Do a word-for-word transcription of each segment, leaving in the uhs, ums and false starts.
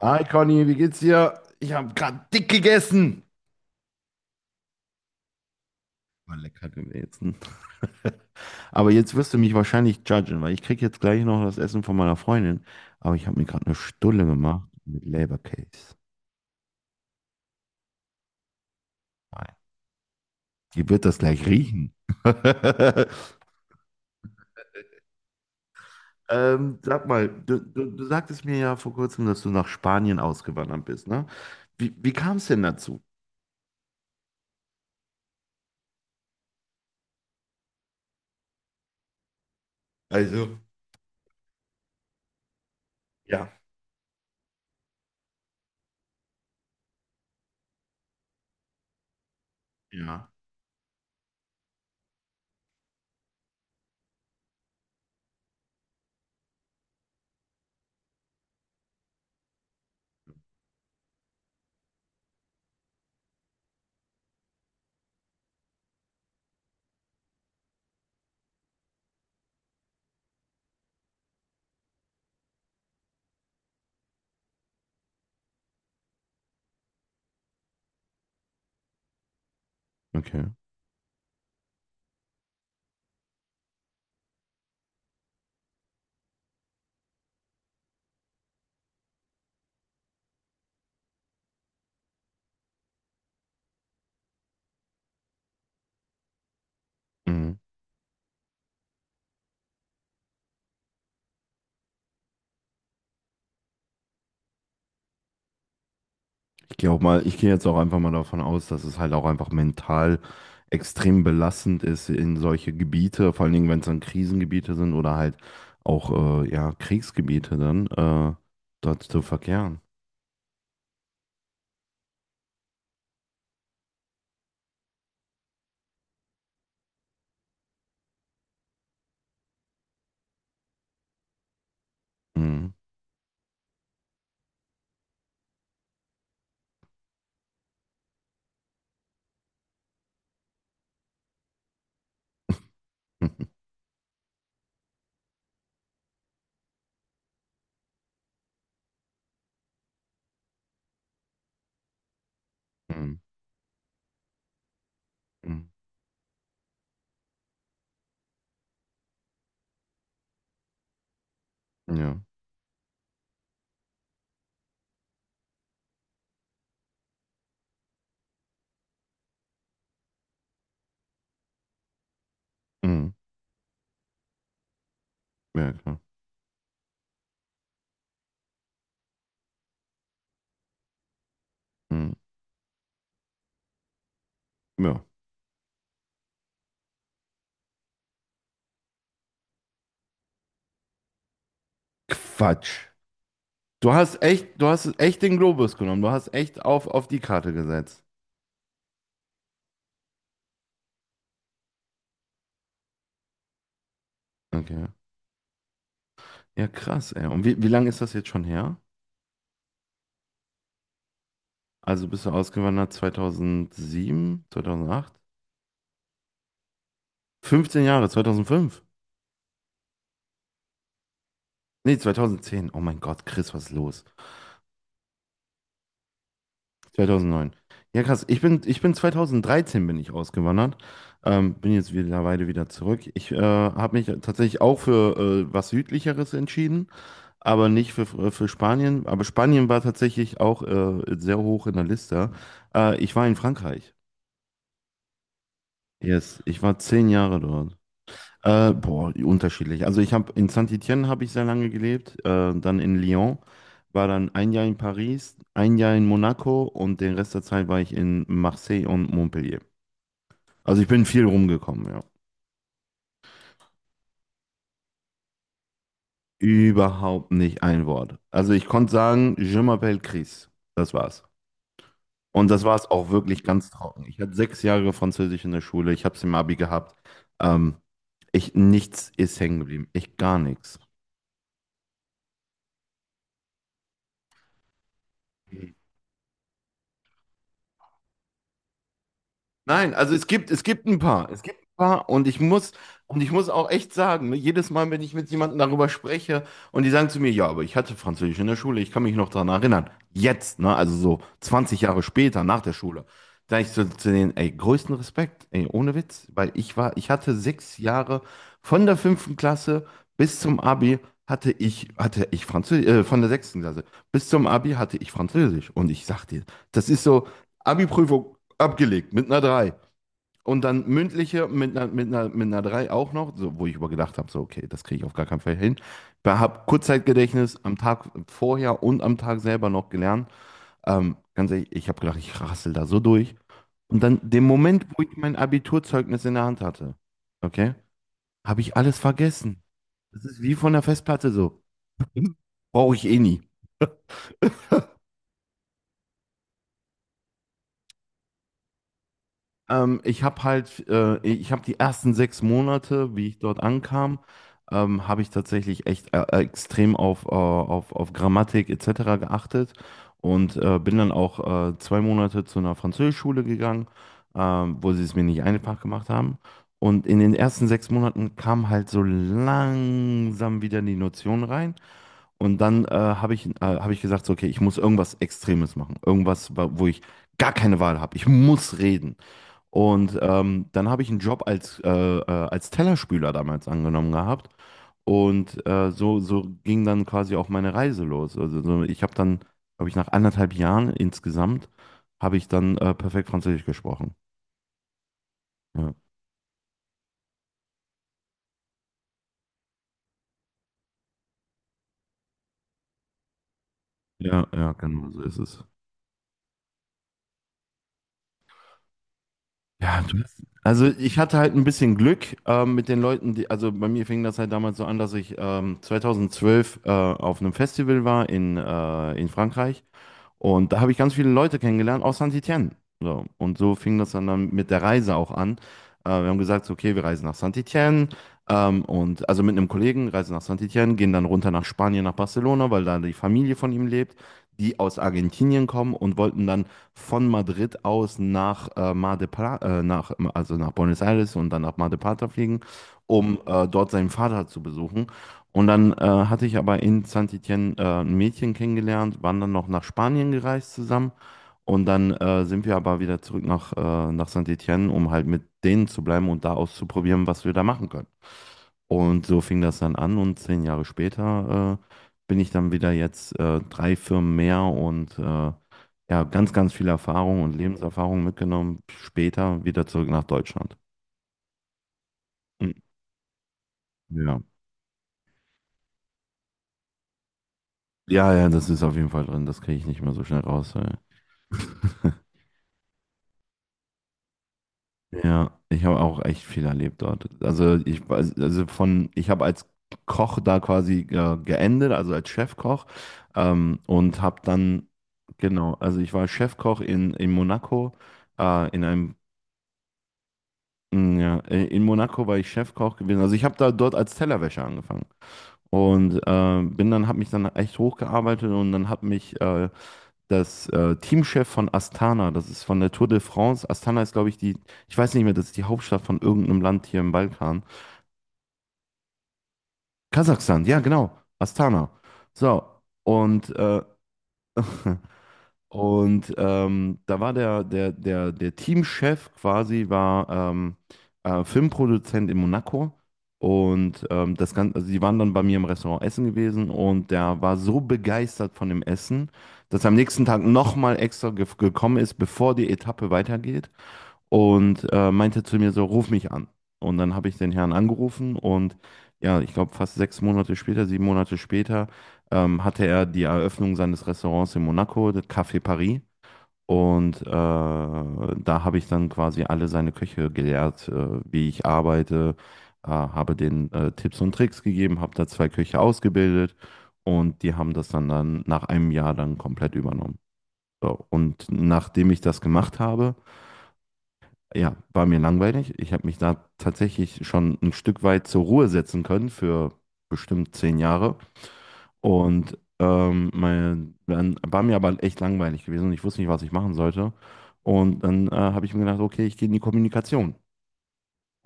Hi Conny, wie geht's dir? Ich habe gerade dick gegessen. War lecker gewesen. Aber jetzt wirst du mich wahrscheinlich judgen, weil ich krieg jetzt gleich noch das Essen von meiner Freundin. Aber ich habe mir gerade eine Stulle gemacht mit Leberkäse. Nein, die wird das gleich riechen. Ähm, sag mal, du, du, du sagtest mir ja vor kurzem, dass du nach Spanien ausgewandert bist, ne? Wie, wie kam es denn dazu? Also, ja. Ja. Okay. Mhm. Ich gehe auch mal, ich gehe jetzt auch einfach mal davon aus, dass es halt auch einfach mental extrem belastend ist in solche Gebiete, vor allen Dingen, wenn es dann Krisengebiete sind oder halt auch äh, ja, Kriegsgebiete dann, äh, dort zu verkehren. Mhm. Mhm. Mhm. Ja. Mhm. Ja, klar. Mhm. Ja. Quatsch. Du hast echt, du hast echt den Globus genommen. Du hast echt auf, auf die Karte gesetzt. Okay. Ja, krass, ey. Und wie, wie lange ist das jetzt schon her? Also bist du ausgewandert zweitausendsieben, zweitausendacht? fünfzehn Jahre, zweitausendfünf? Nee, zweitausendzehn. Oh mein Gott, Chris, was ist los? zweitausendneun. Ja, krass. Ich bin, ich bin zweitausenddreizehn bin ich ausgewandert. Ähm, bin jetzt mittlerweile wieder zurück. Ich äh, habe mich tatsächlich auch für äh, was Südlicheres entschieden, aber nicht für, äh, für Spanien. Aber Spanien war tatsächlich auch äh, sehr hoch in der Liste. Äh, ich war in Frankreich. Yes, ich war zehn Jahre dort. Äh, boah, unterschiedlich. Also ich habe in Saint-Étienne habe ich sehr lange gelebt, äh, dann in Lyon, war dann ein Jahr in Paris, ein Jahr in Monaco und den Rest der Zeit war ich in Marseille und Montpellier. Also ich bin viel rumgekommen, ja. Überhaupt nicht ein Wort. Also ich konnte sagen, Je m'appelle Chris. Das war's. Und das war's auch wirklich ganz trocken. Ich hatte sechs Jahre Französisch in der Schule, ich habe es im Abi gehabt. Ähm, ich, Nichts ist hängen geblieben. Ich gar nichts. Nein, also es gibt, es gibt ein paar. Es gibt ein paar und ich muss, und ich muss auch echt sagen, ne, jedes Mal, wenn ich mit jemandem darüber spreche und die sagen zu mir, ja, aber ich hatte Französisch in der Schule, ich kann mich noch daran erinnern. Jetzt, ne, also so zwanzig Jahre später, nach der Schule, da ich zu, zu denen, ey, größten Respekt, ey, ohne Witz, weil ich war, ich hatte sechs Jahre von der fünften Klasse bis zum Abi hatte ich, hatte ich Französisch, äh, von der sechsten Klasse bis zum Abi hatte ich Französisch. Und ich sag dir, das ist so, Abi-Prüfung abgelegt, mit einer drei. Und dann mündliche mit einer, mit einer, mit einer drei auch noch, so, wo ich übergedacht habe, so, okay, das kriege ich auf gar keinen Fall hin. Ich habe Kurzzeitgedächtnis am Tag vorher und am Tag selber noch gelernt. Ähm, ganz ehrlich, ich habe gedacht, ich rassel da so durch. Und dann, den Moment, wo ich mein Abiturzeugnis in der Hand hatte, okay, habe ich alles vergessen. Das ist wie von der Festplatte so. Brauche ich eh nie. Ähm, ich habe halt, äh, ich habe die ersten sechs Monate, wie ich dort ankam, ähm, habe ich tatsächlich echt äh, äh, extrem auf, äh, auf, auf Grammatik et cetera geachtet und äh, bin dann auch äh, zwei Monate zu einer Französischschule gegangen, ähm, wo sie es mir nicht einfach gemacht haben. Und in den ersten sechs Monaten kam halt so langsam wieder die Notion rein. Und dann äh, habe ich, äh, hab ich gesagt, so, okay, ich muss irgendwas Extremes machen. Irgendwas, wa- wo ich gar keine Wahl habe. Ich muss reden. Und ähm, dann habe ich einen Job als, äh, äh, als Tellerspüler damals angenommen gehabt. Und äh, so, so ging dann quasi auch meine Reise los. Also so, ich habe dann, glaube ich, nach anderthalb Jahren insgesamt, habe ich dann äh, perfekt Französisch gesprochen. Ja, ja, ja, genau, so ist es. Ja, du hast- also ich hatte halt ein bisschen Glück ähm, mit den Leuten, die, also bei mir fing das halt damals so an, dass ich ähm, zweitausendzwölf äh, auf einem Festival war in, äh, in Frankreich. Und da habe ich ganz viele Leute kennengelernt aus Saint-Étienne. So. Und so fing das dann, dann mit der Reise auch an. Äh, wir haben gesagt, so, okay, wir reisen nach Saint-Étienne. Ähm, und also mit einem Kollegen reisen nach Saint-Étienne, gehen dann runter nach Spanien, nach Barcelona, weil da die Familie von ihm lebt, die aus Argentinien kommen und wollten dann von Madrid aus nach äh, Mar de Plata, äh, nach, also nach Buenos Aires und dann nach Mar de Plata fliegen, um äh, dort seinen Vater zu besuchen. Und dann äh, hatte ich aber in Saint-Étienne äh, ein Mädchen kennengelernt, waren dann noch nach Spanien gereist zusammen. Und dann äh, sind wir aber wieder zurück nach, äh, nach Saint-Étienne, um halt mit denen zu bleiben und da auszuprobieren, was wir da machen können. Und so fing das dann an und zehn Jahre später äh, bin ich dann wieder jetzt äh, drei Firmen mehr und äh, ja, ganz, ganz viel Erfahrung und Lebenserfahrung mitgenommen, später wieder zurück nach Deutschland. Mhm. Ja. Ja, ja, das ist auf jeden Fall drin, das kriege ich nicht mehr so schnell raus. Ey. Ja, ich habe auch echt viel erlebt dort. Also ich weiß, also von, ich habe als Koch da quasi äh, geendet, also als Chefkoch ähm, und habe dann, genau, also ich war Chefkoch in, in Monaco, äh, in einem, mm, ja, äh, in Monaco war ich Chefkoch gewesen. Also ich habe da dort als Tellerwäscher angefangen und äh, bin dann, habe mich dann echt hochgearbeitet und dann hat mich äh, das äh, Teamchef von Astana, das ist von der Tour de France. Astana ist, glaube ich, die, ich weiß nicht mehr, das ist die Hauptstadt von irgendeinem Land hier im Balkan. Kasachstan, ja, genau, Astana. So, und äh, und ähm, da war der, der, der, der Teamchef quasi, war ähm, äh, Filmproduzent in Monaco. Und ähm, das Ganze, also die waren dann bei mir im Restaurant essen gewesen und der war so begeistert von dem Essen, dass er am nächsten Tag nochmal extra ge gekommen ist, bevor die Etappe weitergeht und äh, meinte zu mir so, ruf mich an. Und dann habe ich den Herrn angerufen und ja, ich glaube fast sechs Monate später, sieben Monate später, ähm, hatte er die Eröffnung seines Restaurants in Monaco, das Café Paris. Und äh, da habe ich dann quasi alle seine Köche gelehrt, äh, wie ich arbeite, äh, habe denen äh, Tipps und Tricks gegeben, habe da zwei Köche ausgebildet und die haben das dann, dann nach einem Jahr dann komplett übernommen. So, und nachdem ich das gemacht habe, ja, war mir langweilig. Ich habe mich da tatsächlich schon ein Stück weit zur Ruhe setzen können für bestimmt zehn Jahre. Und ähm, mein, dann war mir aber echt langweilig gewesen und ich wusste nicht, was ich machen sollte. Und dann äh, habe ich mir gedacht, okay, ich gehe in die Kommunikation.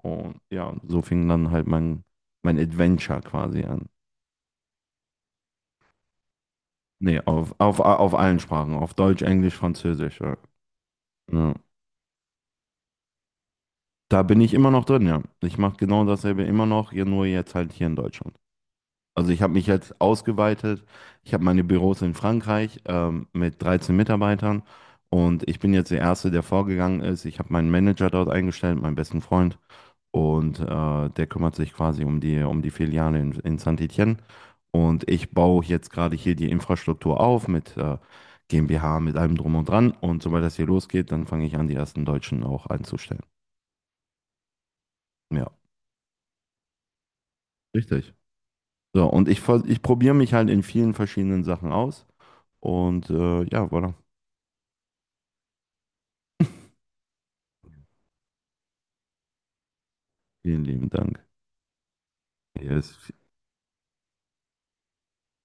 Und ja, so fing dann halt mein, mein Adventure quasi an. Nee, auf, auf, auf allen Sprachen, auf Deutsch, Englisch, Französisch. Ja. Ja. Da bin ich immer noch drin, ja. Ich mache genau dasselbe immer noch, hier nur jetzt halt hier in Deutschland. Also ich habe mich jetzt ausgeweitet. Ich habe meine Büros in Frankreich ähm, mit dreizehn Mitarbeitern und ich bin jetzt der Erste, der vorgegangen ist. Ich habe meinen Manager dort eingestellt, meinen besten Freund und äh, der kümmert sich quasi um die, um die Filiale in, in Saint-Étienne. Und ich baue jetzt gerade hier die Infrastruktur auf mit äh, GmbH, mit allem drum und dran. Und sobald das hier losgeht, dann fange ich an, die ersten Deutschen auch einzustellen. Ja, richtig. So, und ich, vers- ich probiere mich halt in vielen verschiedenen Sachen aus. Und äh, ja, voilà. Vielen lieben Dank. Yes.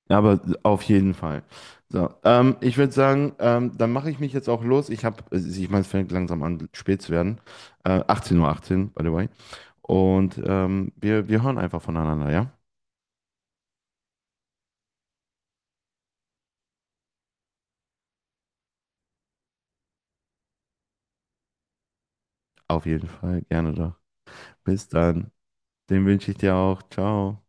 Ja, aber auf jeden Fall. So, ähm, ich würde sagen, ähm, dann mache ich mich jetzt auch los. Ich habe, ich meine, es fängt langsam an, spät zu werden. Äh, achtzehn Uhr achtzehn, achtzehn, by the way. Und ähm, wir, wir hören einfach voneinander, ja? Auf jeden Fall, gerne doch. Bis dann. Den wünsche ich dir auch. Ciao.